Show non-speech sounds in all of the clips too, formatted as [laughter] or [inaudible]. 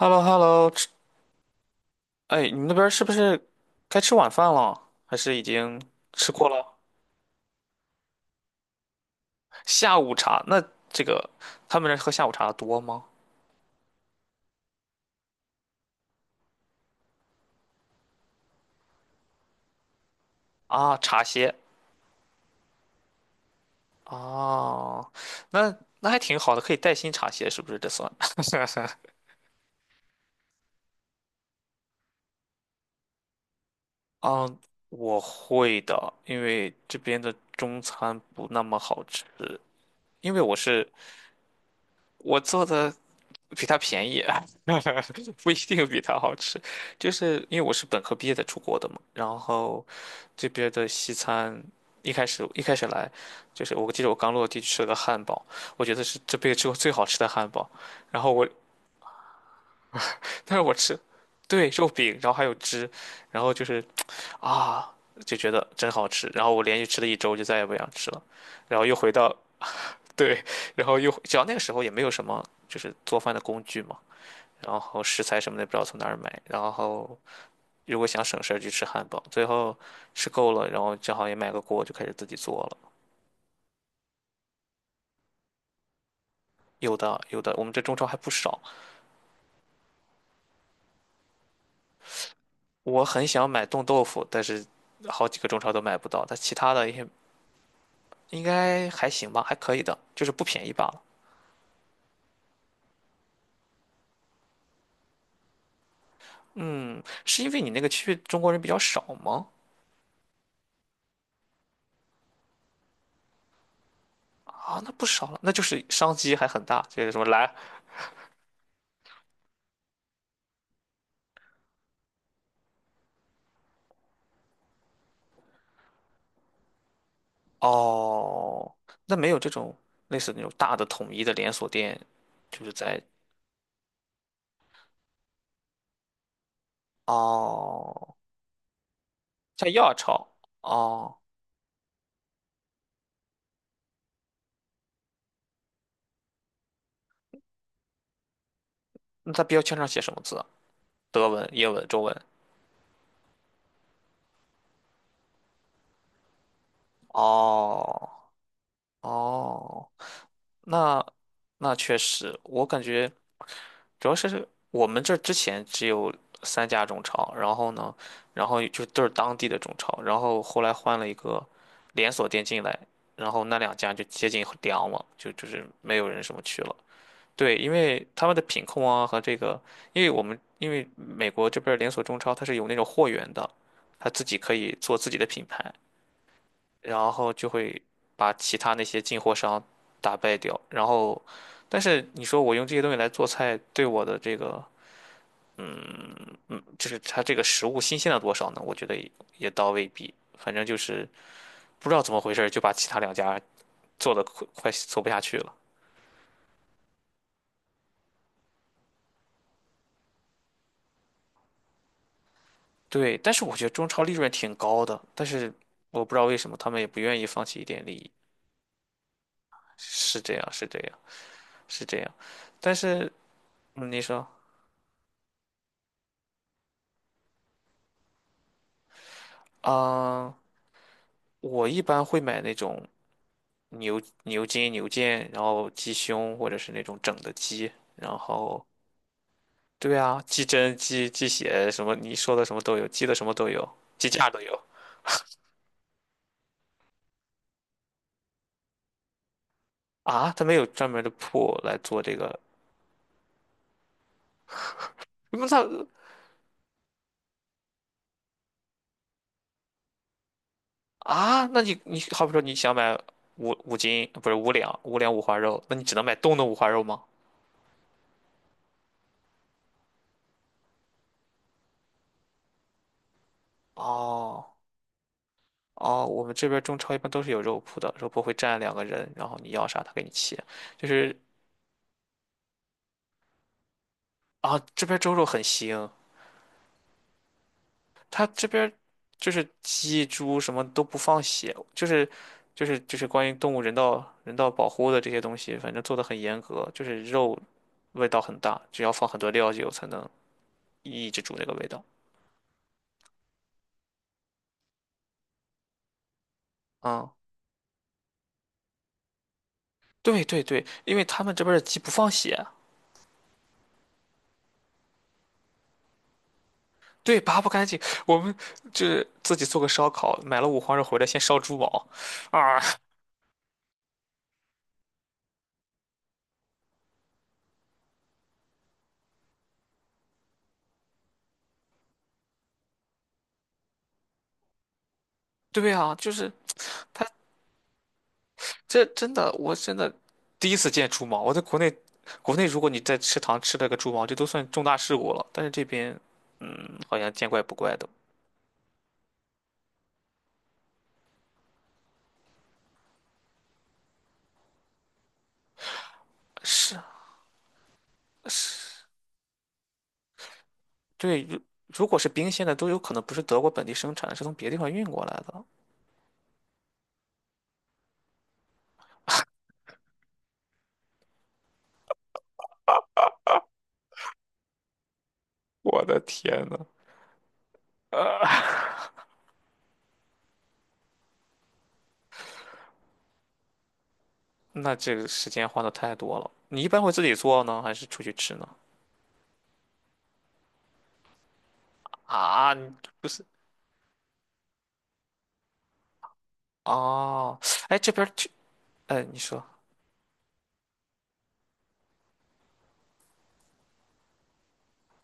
h e l l o h e l l o 哎，你们那边儿是不是该吃晚饭了？还是已经吃过了？下午茶，那这个他们那儿喝下午茶的多吗？啊，茶歇啊，那那还挺好的，可以带薪茶歇，是不是？这算？[laughs] 嗯，我会的，因为这边的中餐不那么好吃，因为我是我做的比它便宜。[laughs] 不一定比它好吃。就是因为我是本科毕业在出国的嘛，然后这边的西餐一开始来，就是我记得我刚落地吃了个汉堡，我觉得是这辈子吃过最好吃的汉堡。然后我，但是我吃，对，肉饼，然后还有汁，然后就是啊，就觉得真好吃。然后我连续吃了一周，就再也不想吃了。然后又回到，对，然后又，只要那个时候也没有什么就是做饭的工具嘛。然后食材什么的不知道从哪儿买，然后如果想省事儿就吃汉堡，最后吃够了，然后正好也买个锅就开始自己做了。有的有的，我们这中超还不少。我很想买冻豆腐，但是好几个中超都买不到。但其他的也应该还行吧，还可以的，就是不便宜罢了。是因为你那个区域中国人比较少吗？啊，那不少了，那就是商机还很大。就是什么来哦，那没有这种类似那种大的统一的连锁店，就是在哦，在亚超。哦，那它标签上写什么字啊，德文、英文、中文。哦哦，那那确实，我感觉主要是我们这儿之前只有三家中超，然后呢，然后就都是当地的中超，然后后来换了一个连锁店进来，然后那两家就接近凉了，就是没有人什么去了。对，因为他们的品控啊和这个，因为我们因为美国这边儿连锁中超它是有那种货源的，它自己可以做自己的品牌，然后就会把其他那些进货商打败掉。然后，但是你说我用这些东西来做菜，对我的这个，就是它这个食物新鲜了多少呢？我觉得也倒未必，反正就是不知道怎么回事儿就把其他两家做的快快做不下去了。对，但是我觉得中超利润挺高的，但是我不知道为什么他们也不愿意放弃一点利益。是这样，是这样，是这样。但是你说，啊，我一般会买那种牛筋、牛腱，然后鸡胸或者是那种整的鸡。然后对啊，鸡胗、鸡血什么，你说的什么都有，鸡的什么都有，鸡架都有啊。它没有专门的铺来做这个。那它啊，那你你好比说你想买五斤，不是五两，五两五花肉，那你只能买冻的五花肉吗？哦哦，我们这边中超一般都是有肉铺的，肉铺会站两个人，然后你要啥他给你切。就是啊，这边猪肉很腥。他这边就是鸡猪什么都不放血，就是关于动物人道保护的这些东西，反正做的很严格，就是肉味道很大，只要放很多料酒才能抑制住那个味道。嗯对对对，因为他们这边的鸡不放血。对，拔不干净。我们就是自己做个烧烤，买了五花肉回来，先烧猪毛。啊，[laughs] 对啊，就是他这真的，我真的第一次见猪毛。我在国内，国内如果你在食堂吃了个猪毛，这都算重大事故了。但是这边，嗯，好像见怪不怪的。是是，对，如果是冰鲜的，都有可能不是德国本地生产，的，是从别地方运过来的。我的天呐！那这个时间花的太多了。你一般会自己做呢，还是出去吃呢？啊，你不是哦，哎，这边儿去，哎，你说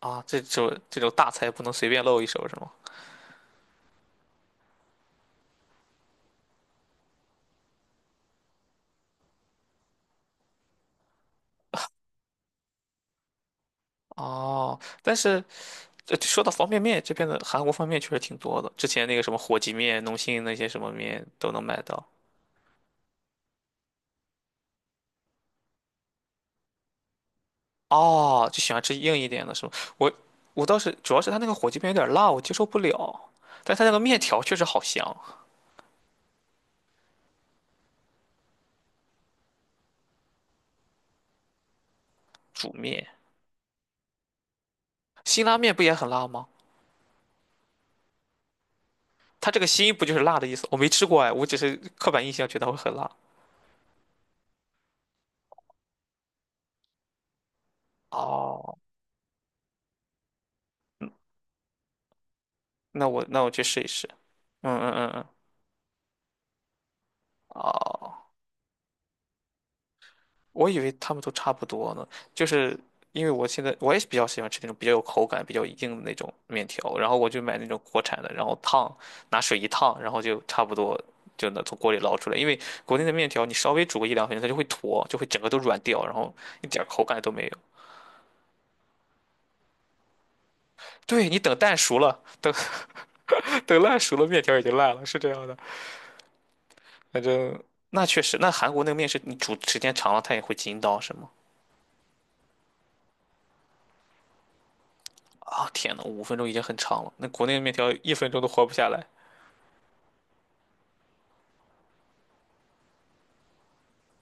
啊，这种大菜不能随便露一手是吗？哦，但是这说到方便面，这边的韩国方便面确实挺多的。之前那个什么火鸡面、农心那些什么面都能买到。哦，就喜欢吃硬一点的是吗？我我倒是主要是它那个火鸡面有点辣，我接受不了。但它那个面条确实好香。煮面。辛拉面不也很辣吗？它这个辛不就是辣的意思？我没吃过哎，我只是刻板印象觉得会很辣。哦，那我去试一试。嗯嗯嗯嗯。哦，我以为他们都差不多呢，就是因为我现在也比较喜欢吃那种比较有口感、比较硬的那种面条，然后我就买那种国产的，然后烫，拿水一烫，然后就差不多就能从锅里捞出来。因为国内的面条你稍微煮个一两分钟，它就会坨，就会整个都软掉，然后一点儿口感都没有。对，你等蛋熟了，等 [laughs] 等烂熟了，面条已经烂了，是这样的。反正那确实，那韩国那个面是，你煮时间长了，它也会筋道是吗？啊、天呐，5分钟已经很长了，那国内的面条一分钟都活不下来。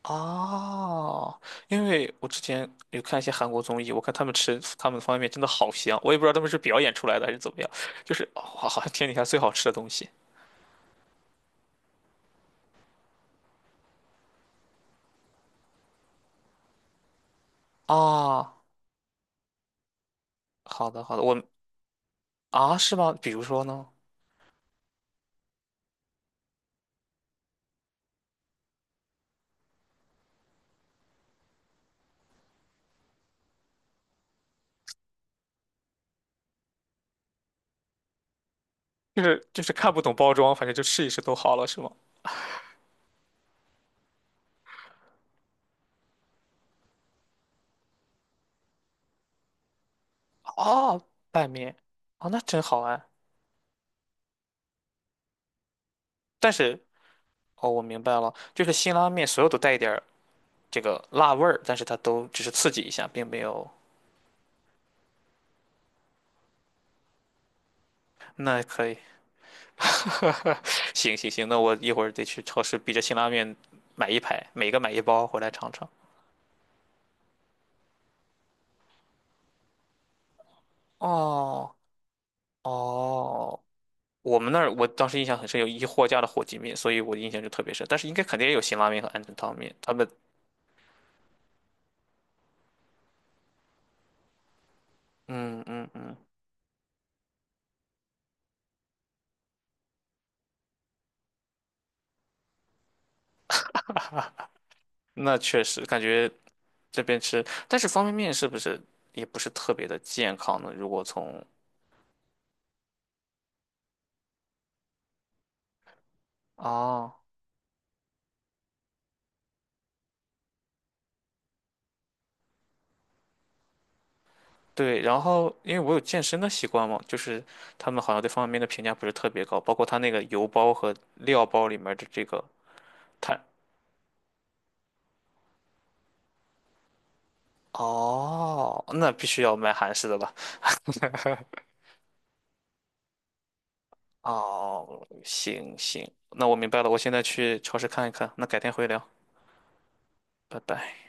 哦，因为我之前有看一些韩国综艺，我看他们吃他们的方便面真的好香，我也不知道他们是表演出来的还是怎么样，就是哇，好像天底下最好吃的东西。啊！好的好的，我啊是吗？比如说呢？就是看不懂包装，反正就试一试都好了是吗？哦，拌面，哦那真好哎，但是。哦，我明白了，就是辛拉面所有都带一点儿这个辣味儿，但是它都只是刺激一下，并没有。那可以，[laughs] 行行行，那我一会儿得去超市逼着辛拉面买一排，每个买一包回来尝尝。哦哦，我们那儿我当时印象很深，有一货架的火鸡面，所以我的印象就特别深。但是应该肯定也有辛拉面和鹌鹑汤面，他们嗯嗯嗯，那确实感觉这边吃，但是方便面是不是也不是特别的健康呢？如果从哦。对，然后因为我有健身的习惯嘛，就是他们好像对方便面的评价不是特别高，包括他那个油包和料包里面的这个碳。哦，那必须要买韩式的吧？哦，行行，那我明白了，我现在去超市看一看，那改天回聊，拜拜。